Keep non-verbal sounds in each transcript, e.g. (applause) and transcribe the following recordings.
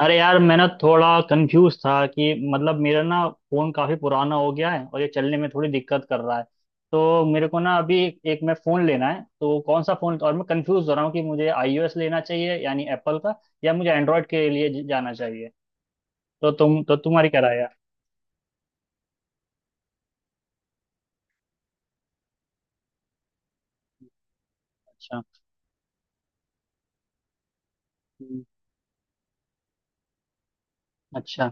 अरे यार, मैं ना थोड़ा कंफ्यूज था कि मतलब, मेरा ना फोन काफी पुराना हो गया है और ये चलने में थोड़ी दिक्कत कर रहा है। तो मेरे को ना अभी एक मैं फोन लेना है, तो कौन सा फोन? और मैं कंफ्यूज हो रहा हूँ कि मुझे आईओएस लेना चाहिए यानी एप्पल का, या मुझे एंड्रॉयड के लिए जाना चाहिए। तो तुम्हारी क्या राय है? अच्छा। हम्म। अच्छा।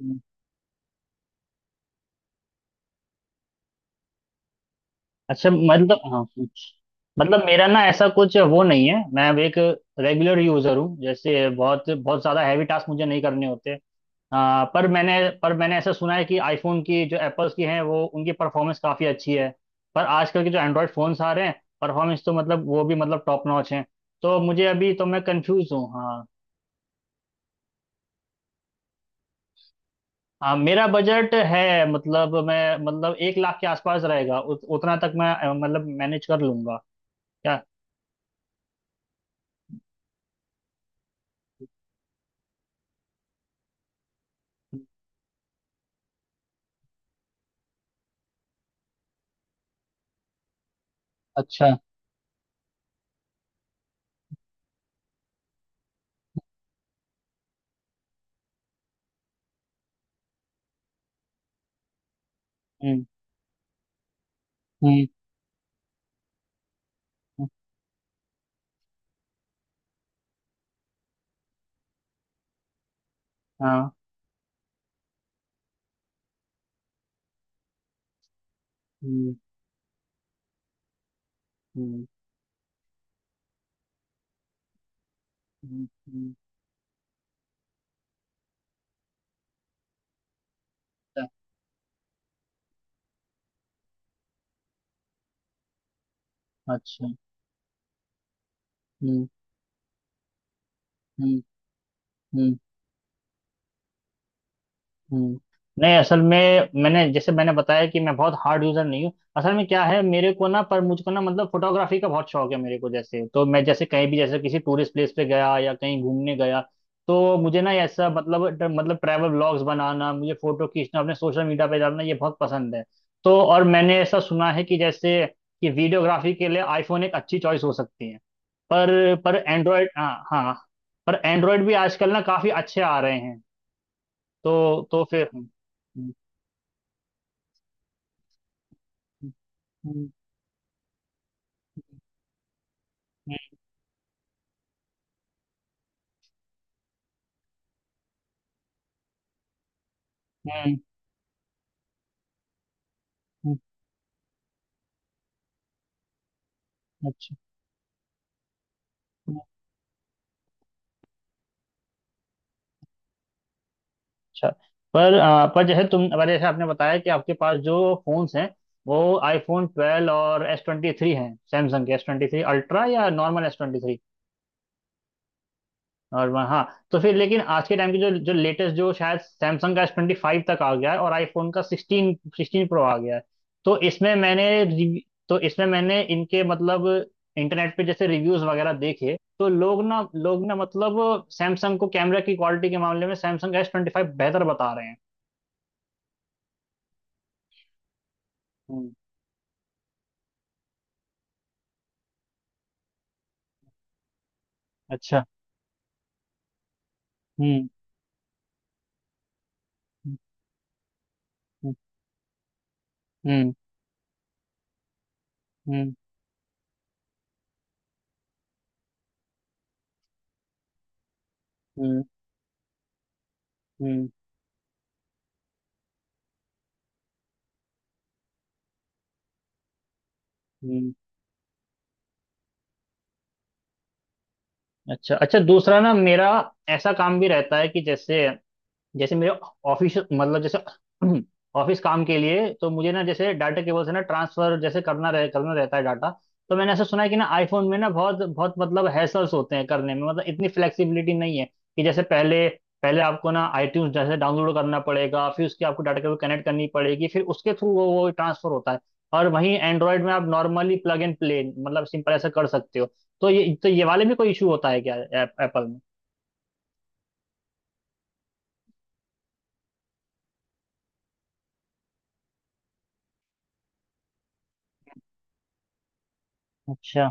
हम्म। अच्छा, मतलब हाँ, कुछ। मतलब मेरा ना ऐसा कुछ वो नहीं है। मैं अब एक रेगुलर यूजर हूँ, जैसे बहुत बहुत ज्यादा हैवी टास्क मुझे नहीं करने होते। पर मैंने ऐसा सुना है कि आईफोन की, जो एप्पल्स की हैं, वो उनकी परफॉर्मेंस काफ़ी अच्छी है। पर आजकल के जो एंड्रॉयड फ़ोन्स आ रहे हैं, परफॉर्मेंस तो मतलब वो भी मतलब टॉप नॉच हैं। तो मुझे अभी, तो मैं कंफ्यूज हूँ। हाँ। हाँ, मेरा बजट है मतलब, मैं मतलब एक लाख के आसपास रहेगा। उतना तक मैं मतलब मैनेज कर लूंगा। क्या? अच्छा। हम्म। हम्म। हम्म। हाँ। हम्म। हम्म। हम्म। अच्छा। अच्छा। हम्म। हम्म। हम्म। नहीं, असल में, मैंने जैसे मैंने बताया कि मैं बहुत हार्ड यूजर नहीं हूँ। असल में क्या है, मेरे को ना, पर मुझको ना मतलब फोटोग्राफी का बहुत शौक है मेरे को। जैसे तो मैं जैसे कहीं भी, जैसे किसी टूरिस्ट प्लेस पे गया या कहीं घूमने गया, तो मुझे ना ऐसा मतलब मतलब ट्रैवल व्लॉग्स बनाना, मुझे फोटो खींचना, अपने सोशल मीडिया पे डालना, ये बहुत पसंद है। तो, और मैंने ऐसा सुना है कि जैसे कि वीडियोग्राफी के लिए आईफोन एक अच्छी चॉइस हो सकती है। पर एंड्रॉयड, हाँ हाँ, पर एंड्रॉयड भी आजकल ना काफी अच्छे आ रहे हैं। तो फिर हम्म। हम्म। हम्म। हम्म। हम्म। हम्म। अच्छा। हम्म। अच्छा, पर आ, पर जैसे तुम पर जैसे आपने बताया कि आपके पास जो फोन्स हैं, वो आईफोन ट्वेल्व और एस ट्वेंटी थ्री हैं। सैमसंग के एस ट्वेंटी थ्री अल्ट्रा या नॉर्मल एस ट्वेंटी थ्री? और वहाँ, हाँ, तो फिर लेकिन आज के टाइम की जो जो लेटेस्ट, जो शायद सैमसंग का एस ट्वेंटी फाइव तक आ गया है और आईफोन का सिक्सटीन सिक्सटीन प्रो आ गया है। तो इसमें तो इसमें मैंने इनके मतलब इंटरनेट पे जैसे रिव्यूज वगैरह देखे, तो लोग ना मतलब सैमसंग को कैमरा की क्वालिटी के मामले में सैमसंग का एस ट्वेंटी फाइव बेहतर बता रहे हैं। हम्म। अच्छा। हम्म। हम्म। हम्म। हम्म। हम्म। हम्म। हम्म। अच्छा। अच्छा, दूसरा ना मेरा ऐसा काम भी रहता है कि जैसे, जैसे मेरे ऑफिस, मतलब जैसे (clears throat) ऑफिस काम के लिए तो मुझे ना, जैसे डाटा केबल से ना ट्रांसफर जैसे करना रहता है डाटा। तो मैंने ऐसा सुना है कि ना आईफोन में ना बहुत बहुत मतलब हैसल्स होते हैं करने में, मतलब इतनी फ्लेक्सिबिलिटी नहीं है कि जैसे पहले पहले आपको ना आईट्यून्स जैसे डाउनलोड करना पड़ेगा, फिर उसके आपको डाटा केबल कनेक्ट करनी पड़ेगी, फिर उसके थ्रू वो ट्रांसफर होता है। और वहीं एंड्रॉयड में आप नॉर्मली प्लग एंड प्ले, मतलब सिंपल ऐसा कर सकते हो। तो ये, तो ये वाले में कोई इशू होता है क्या एप्पल में? अच्छा।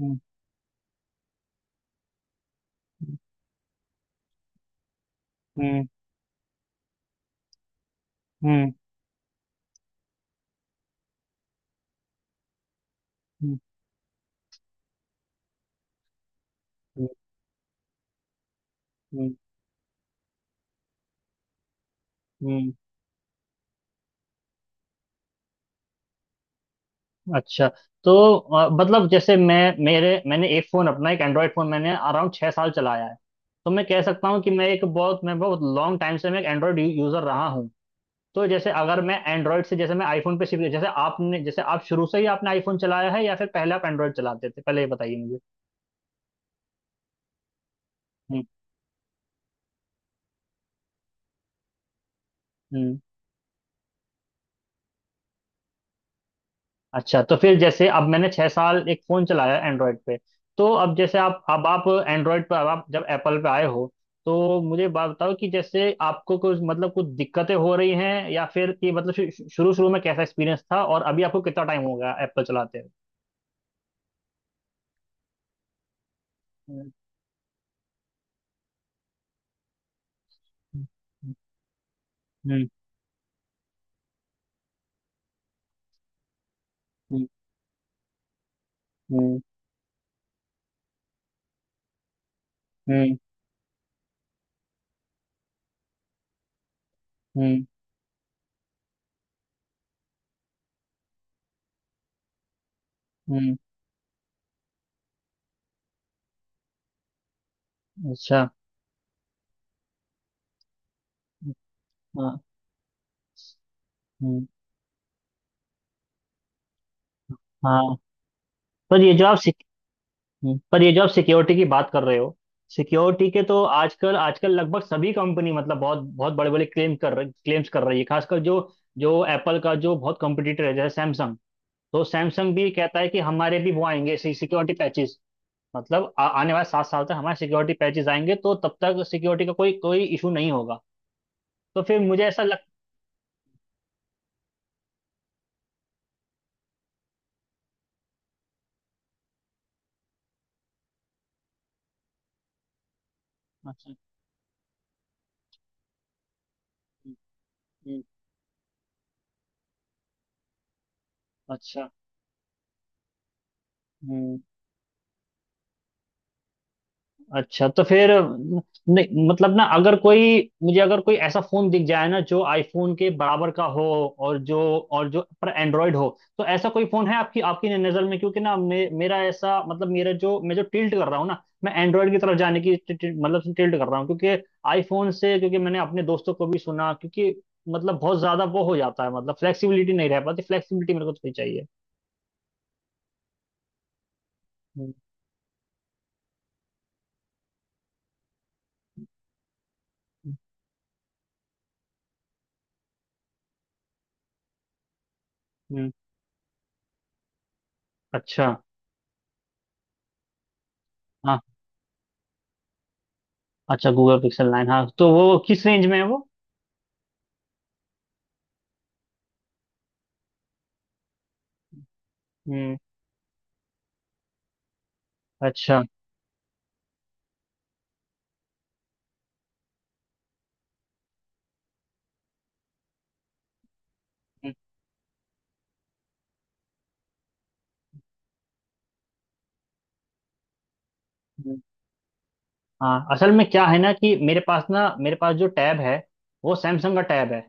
हम्म। हम्म। हम्म। हम्म। हम्म। हम्म। अच्छा तो मतलब जैसे मैं मेरे, मैंने एक फ़ोन अपना, एक एंड्रॉयड फ़ोन मैंने अराउंड छः साल चलाया है। तो मैं कह सकता हूँ कि मैं एक बहुत, मैं बहुत लॉन्ग टाइम से मैं एक एंड्रॉयड यूज़र रहा हूँ। तो जैसे अगर मैं एंड्रॉयड से, जैसे मैं आईफोन पे शिफ्ट, जैसे आपने, जैसे आप शुरू से ही आपने आईफोन चलाया है या फिर पहले आप एंड्रॉयड चलाते थे, पहले ये बताइए मुझे। हम्म। हम्म। अच्छा, तो फिर जैसे, अब मैंने छह साल एक फोन चलाया एंड्रॉयड पे। तो अब जैसे आप एंड्रॉयड पर, अब आप जब एप्पल पे आए हो, तो मुझे बात बताओ कि जैसे आपको कुछ मतलब कुछ दिक्कतें हो रही हैं, या फिर कि मतलब शुरू शुरू में कैसा एक्सपीरियंस था, और अभी आपको कितना टाइम हो गया एप्पल चलाते हुए? हम्म। हम्म। हम्म। हम्म। हम्म। हम्म। हम्म। अच्छा। हाँ। हम्म। हाँ, पर ये जो आप, पर ये जो आप सिक्योरिटी की बात कर रहे हो, सिक्योरिटी के तो आजकल, आजकल लगभग सभी कंपनी, मतलब बहुत बहुत बड़े बड़े क्लेम्स कर रही है, खासकर जो, जो एप्पल का जो बहुत कॉम्पिटिटर है जैसे सैमसंग। तो सैमसंग भी कहता है कि हमारे भी वो आएंगे सिक्योरिटी पैचेस, मतलब आने वाले सात साल तक हमारे सिक्योरिटी पैचेस आएंगे, तो तब तक सिक्योरिटी का कोई, कोई इशू नहीं होगा। तो फिर मुझे ऐसा लग, अच्छा। हम्म। हम्म। अच्छा। हम्म। अच्छा, तो फिर नहीं, मतलब ना अगर कोई, मुझे अगर कोई ऐसा फोन दिख जाए ना जो आईफोन के बराबर का हो, और जो, और जो पर एंड्रॉयड हो, तो ऐसा कोई फोन है आपकी, आपकी नज़र में? क्योंकि ना मेरा ऐसा मतलब, मेरा जो मैं जो टिल्ट कर रहा हूँ ना, मैं एंड्रॉयड की तरफ जाने की मतलब टिल्ट कर रहा हूँ, क्योंकि आईफोन से, क्योंकि मैंने अपने दोस्तों को भी सुना, क्योंकि मतलब बहुत ज्यादा वो हो जाता है, मतलब फ्लेक्सिबिलिटी नहीं रह पाती, फ्लेक्सिबिलिटी मेरे को थोड़ी चाहिए। हम्म। हम्म। हम्म। अच्छा। हाँ। अच्छा, गूगल पिक्सल 9, हाँ, तो वो किस रेंज में है वो? हम्म। अच्छा। हम्म। हम्म। हाँ, असल में क्या है ना, कि मेरे पास ना, मेरे पास जो टैब है, वो सैमसंग का टैब है।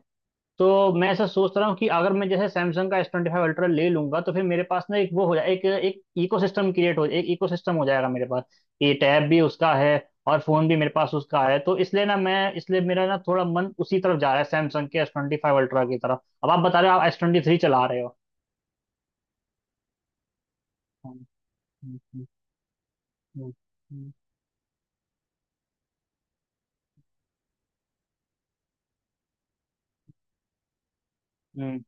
तो मैं ऐसा सोच रहा हूँ कि अगर मैं जैसे सैमसंग का एस ट्वेंटी फाइव अल्ट्रा ले लूंगा, तो फिर मेरे पास ना एक वो हो जाए, एक, एक इकोसिस्टम क्रिएट हो, एक इकोसिस्टम हो जाएगा मेरे पास। ये टैब भी उसका है और फोन भी मेरे पास उसका है, तो इसलिए ना, मैं इसलिए मेरा ना थोड़ा मन उसी तरफ जा रहा है, सैमसंग के एस ट्वेंटी फाइव अल्ट्रा की तरफ। अब आप बता रहे हो आप एस ट्वेंटी थ्री चला रहे हो। हम्म। हम्म। हम्म। हम्म। हम्म।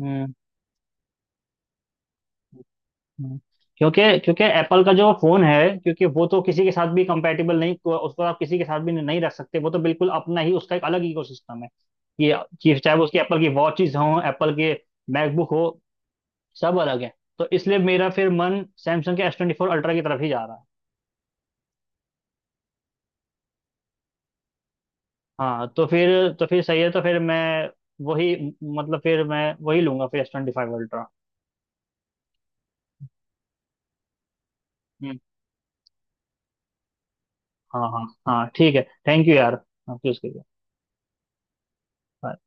हम्म। हम्म। क्योंकि, क्योंकि एप्पल का जो फोन है, क्योंकि वो तो किसी के साथ भी कंपैटिबल नहीं, उसको आप किसी के साथ भी नहीं रख सकते, वो तो बिल्कुल अपना ही, उसका एक अलग इकोसिस्टम है। ये ये चाहे वो उसकी एप्पल की वॉचेस हों, एप्पल के मैकबुक हो, सब अलग है। तो इसलिए मेरा फिर मन सैमसंग के एस ट्वेंटी फोर अल्ट्रा की तरफ ही जा रहा है। हाँ, तो फिर, तो फिर सही है, तो फिर मैं वही, मतलब फिर मैं वही लूंगा फिर, एस ट्वेंटी फाइव अल्ट्रा। हम्म। हाँ हाँ हाँ, ठीक है। थैंक यू यार, आपकी उसके लिए। Bye.